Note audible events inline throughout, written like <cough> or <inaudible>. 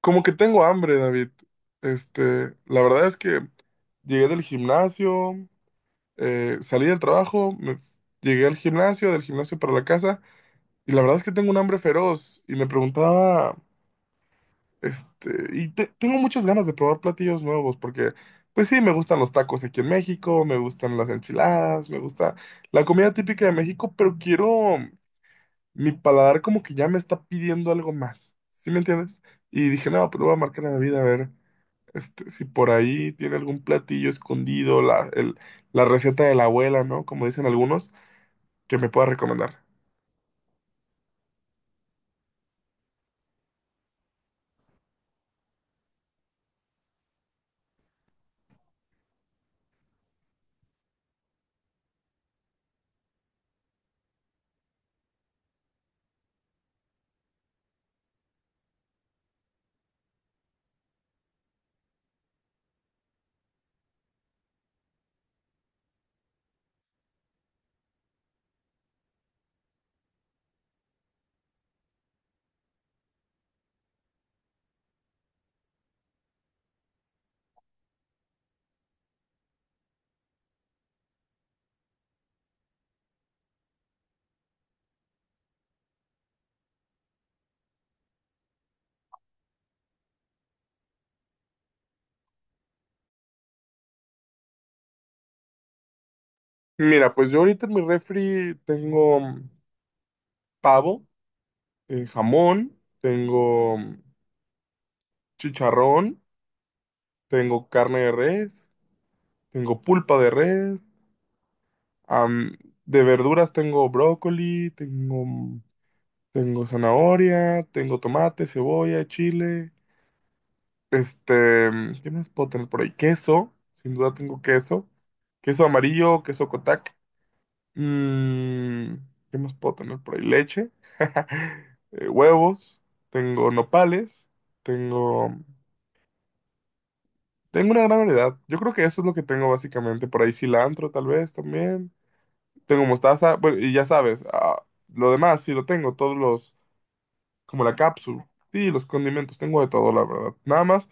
Como que tengo hambre, David. La verdad es que llegué del gimnasio, salí del trabajo, llegué al gimnasio, del gimnasio para la casa, y la verdad es que tengo un hambre feroz. Y me preguntaba, tengo muchas ganas de probar platillos nuevos, porque, pues sí, me gustan los tacos aquí en México, me gustan las enchiladas, me gusta la comida típica de México, pero quiero, mi paladar como que ya me está pidiendo algo más. ¿Sí me entiendes? Y dije, no, pues le voy a marcar a David a ver. Este, si por ahí tiene algún platillo escondido, la receta de la abuela, ¿no? Como dicen algunos, que me pueda recomendar. Mira, pues yo ahorita en mi refri tengo pavo, jamón, tengo chicharrón, tengo carne de res, tengo pulpa de res, am, de verduras tengo brócoli, tengo zanahoria, tengo tomate, cebolla, chile. ¿Qué más puedo tener por ahí? Queso, sin duda tengo queso. Queso amarillo, queso Kotak. Mm, ¿Qué más puedo tener por ahí? Leche, <laughs> huevos, tengo nopales, tengo, mm, tengo una gran variedad. Yo creo que eso es lo que tengo básicamente. Por ahí cilantro, tal vez también. Tengo mostaza, bueno, y ya sabes, lo demás sí lo tengo, todos los, como la cápsula y los condimentos. Tengo de todo, la verdad. Nada más,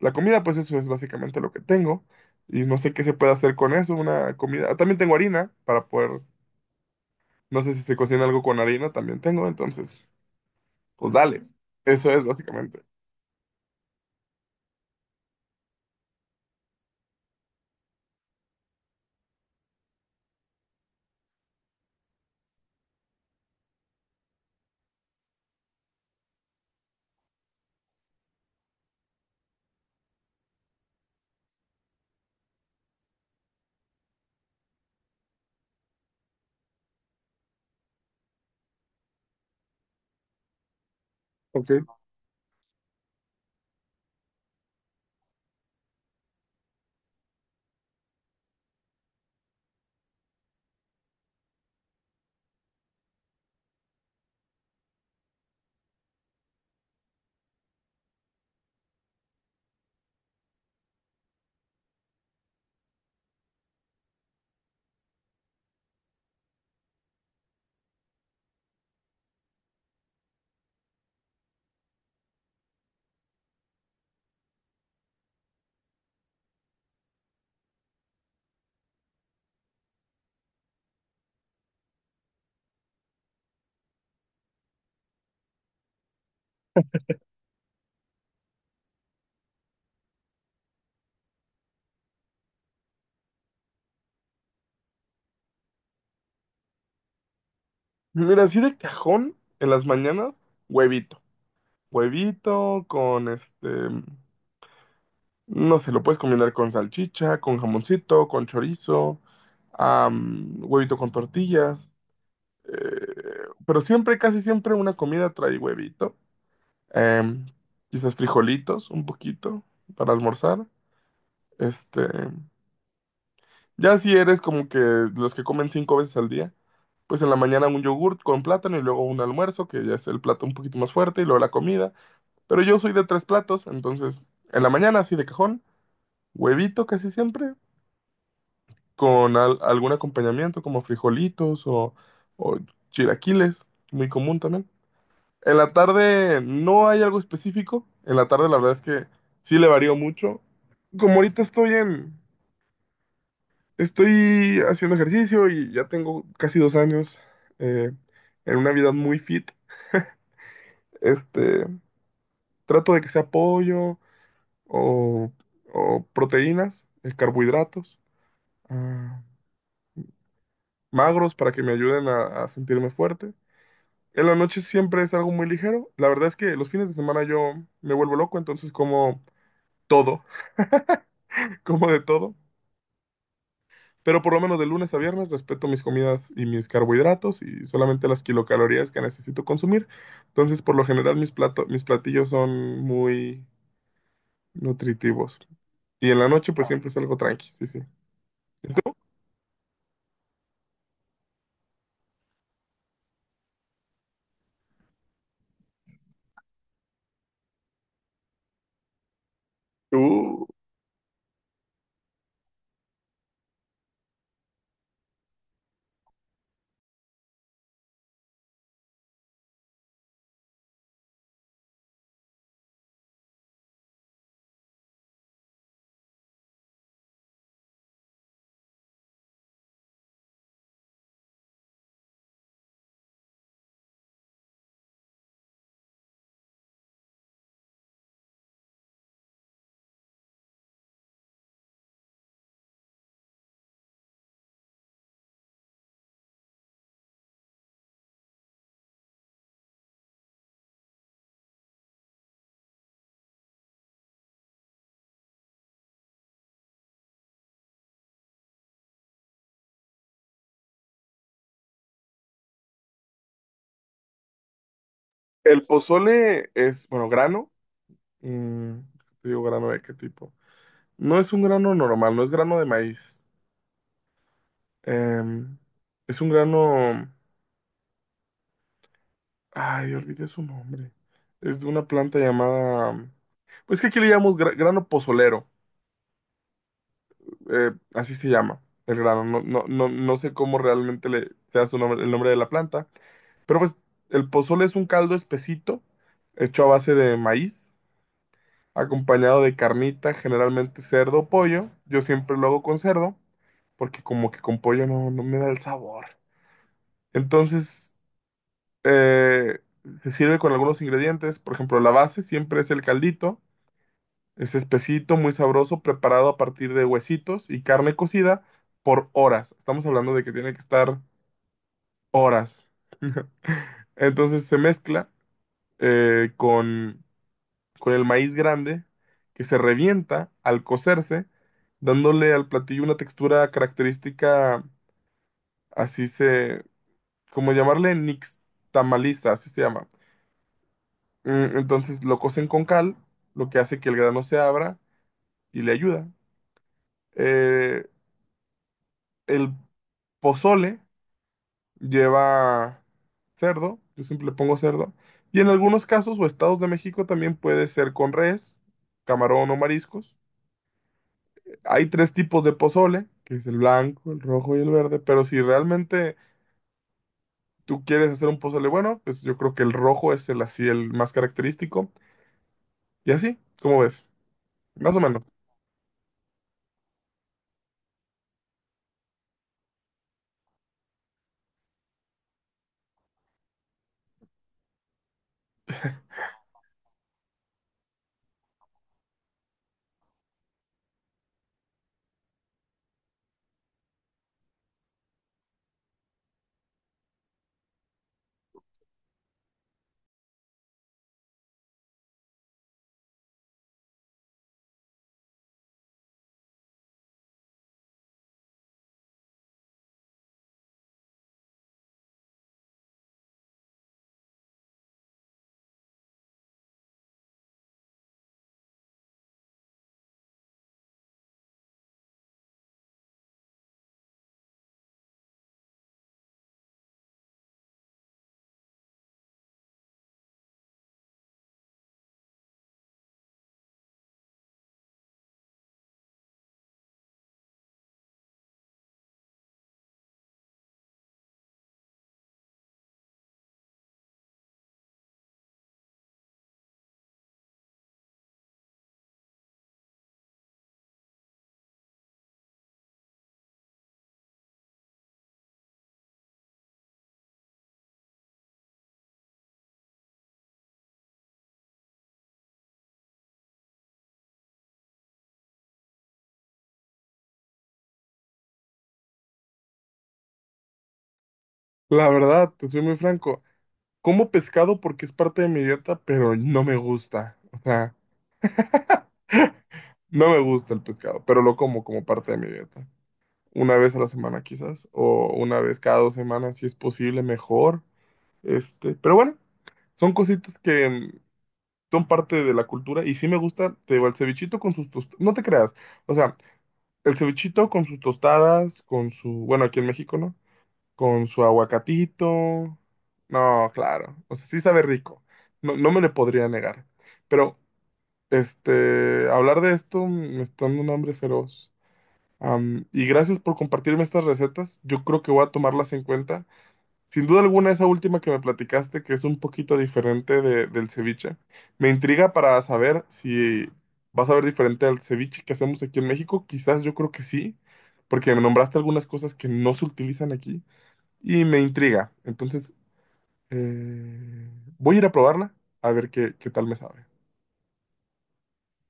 la comida, pues eso es básicamente lo que tengo. Y no sé qué se puede hacer con eso, una comida. Ah, también tengo harina para poder, no sé si se cocina algo con harina, también tengo. Entonces, pues dale. Eso es básicamente. Ok. Mira, así de cajón en las mañanas, huevito. Huevito con no sé, lo puedes combinar con salchicha, con jamoncito, con chorizo, huevito con tortillas. Pero siempre, casi siempre una comida trae huevito. Em, quizás frijolitos, un poquito, para almorzar. Este, ya si eres como que los que comen 5 veces al día, pues en la mañana un yogurt con plátano y luego un almuerzo, que ya es el plato un poquito más fuerte, y luego la comida. Pero yo soy de tres platos, entonces en la mañana así de cajón, huevito casi siempre, con algún acompañamiento como frijolitos o chilaquiles, muy común también. En la tarde no hay algo específico. En la tarde la verdad es que sí le varío mucho. Como ahorita estoy en, estoy haciendo ejercicio y ya tengo casi 2 años eh, en una vida muy fit. Este, trato de que sea pollo o, o proteínas, carbohidratos, ah, magros para que me ayuden a sentirme fuerte. En la noche siempre es algo muy ligero. La verdad es que los fines de semana yo me vuelvo loco, entonces como todo, <laughs> como de todo. Pero por lo menos de lunes a viernes respeto mis comidas y mis carbohidratos y solamente las kilocalorías que necesito consumir. Entonces, por lo general, mis platillos son muy nutritivos. Y en la noche, pues siempre es algo tranqui, sí, sí. ¿Y tú? Tú, el pozole es, bueno, grano. mm, te digo, grano de qué tipo. No es un grano normal, no es grano de maíz. Em, es un grano. Ay, olvidé su nombre. Es de una planta llamada. Pues que aquí le llamamos grano pozolero. Eh, así se llama el grano. No sé cómo realmente le sea su nombre, el nombre de la planta. Pero pues el pozole es un caldo espesito hecho a base de maíz, acompañado de carnita, generalmente cerdo o pollo. Yo siempre lo hago con cerdo, porque como que con pollo no, no me da el sabor. Entonces Eh, se sirve con algunos ingredientes, por ejemplo, la base siempre es el caldito, es espesito, muy sabroso, preparado a partir de huesitos y carne cocida por horas. Estamos hablando de que tiene que estar horas. <laughs> Entonces se mezcla eh, con, con el maíz grande que se revienta al cocerse, dándole al platillo una textura característica, así se, como llamarle nixtamaliza, así se llama. Mm, entonces lo cocen con cal, lo que hace que el grano se abra y le ayuda. Eh, el pozole lleva cerdo, yo siempre le pongo cerdo, y en algunos casos o estados de México también puede ser con res, camarón o mariscos. Hay tres tipos de pozole, que es el blanco, el rojo y el verde, pero si realmente tú quieres hacer un pozole bueno, pues yo creo que el rojo es el así el más característico, y así, ¿cómo ves? Más o menos. La verdad, te soy muy franco. Como pescado porque es parte de mi dieta, pero no me gusta. O sea, no me gusta el pescado, pero lo como como parte de mi dieta. Una vez a la semana quizás, o una vez cada 2 semanas si es posible, mejor. Este, pero bueno, son cositas que son parte de la cultura y sí me gusta, te digo, el cevichito con sus tostadas, no te creas. O sea, el cevichito con sus tostadas, con su, bueno, aquí en México, ¿no? Con su aguacatito. No, claro. O sea, sí sabe rico. No, no me le podría negar. Pero este, hablar de esto me está dando un hambre feroz. Am, y gracias por compartirme estas recetas. Yo creo que voy a tomarlas en cuenta. Sin duda alguna, esa última que me platicaste, que es un poquito diferente del ceviche, me intriga para saber si vas a ver diferente al ceviche que hacemos aquí en México. Quizás yo creo que sí, porque me nombraste algunas cosas que no se utilizan aquí y me intriga. Entonces, eh, voy a ir a probarla a ver qué, qué tal me sabe.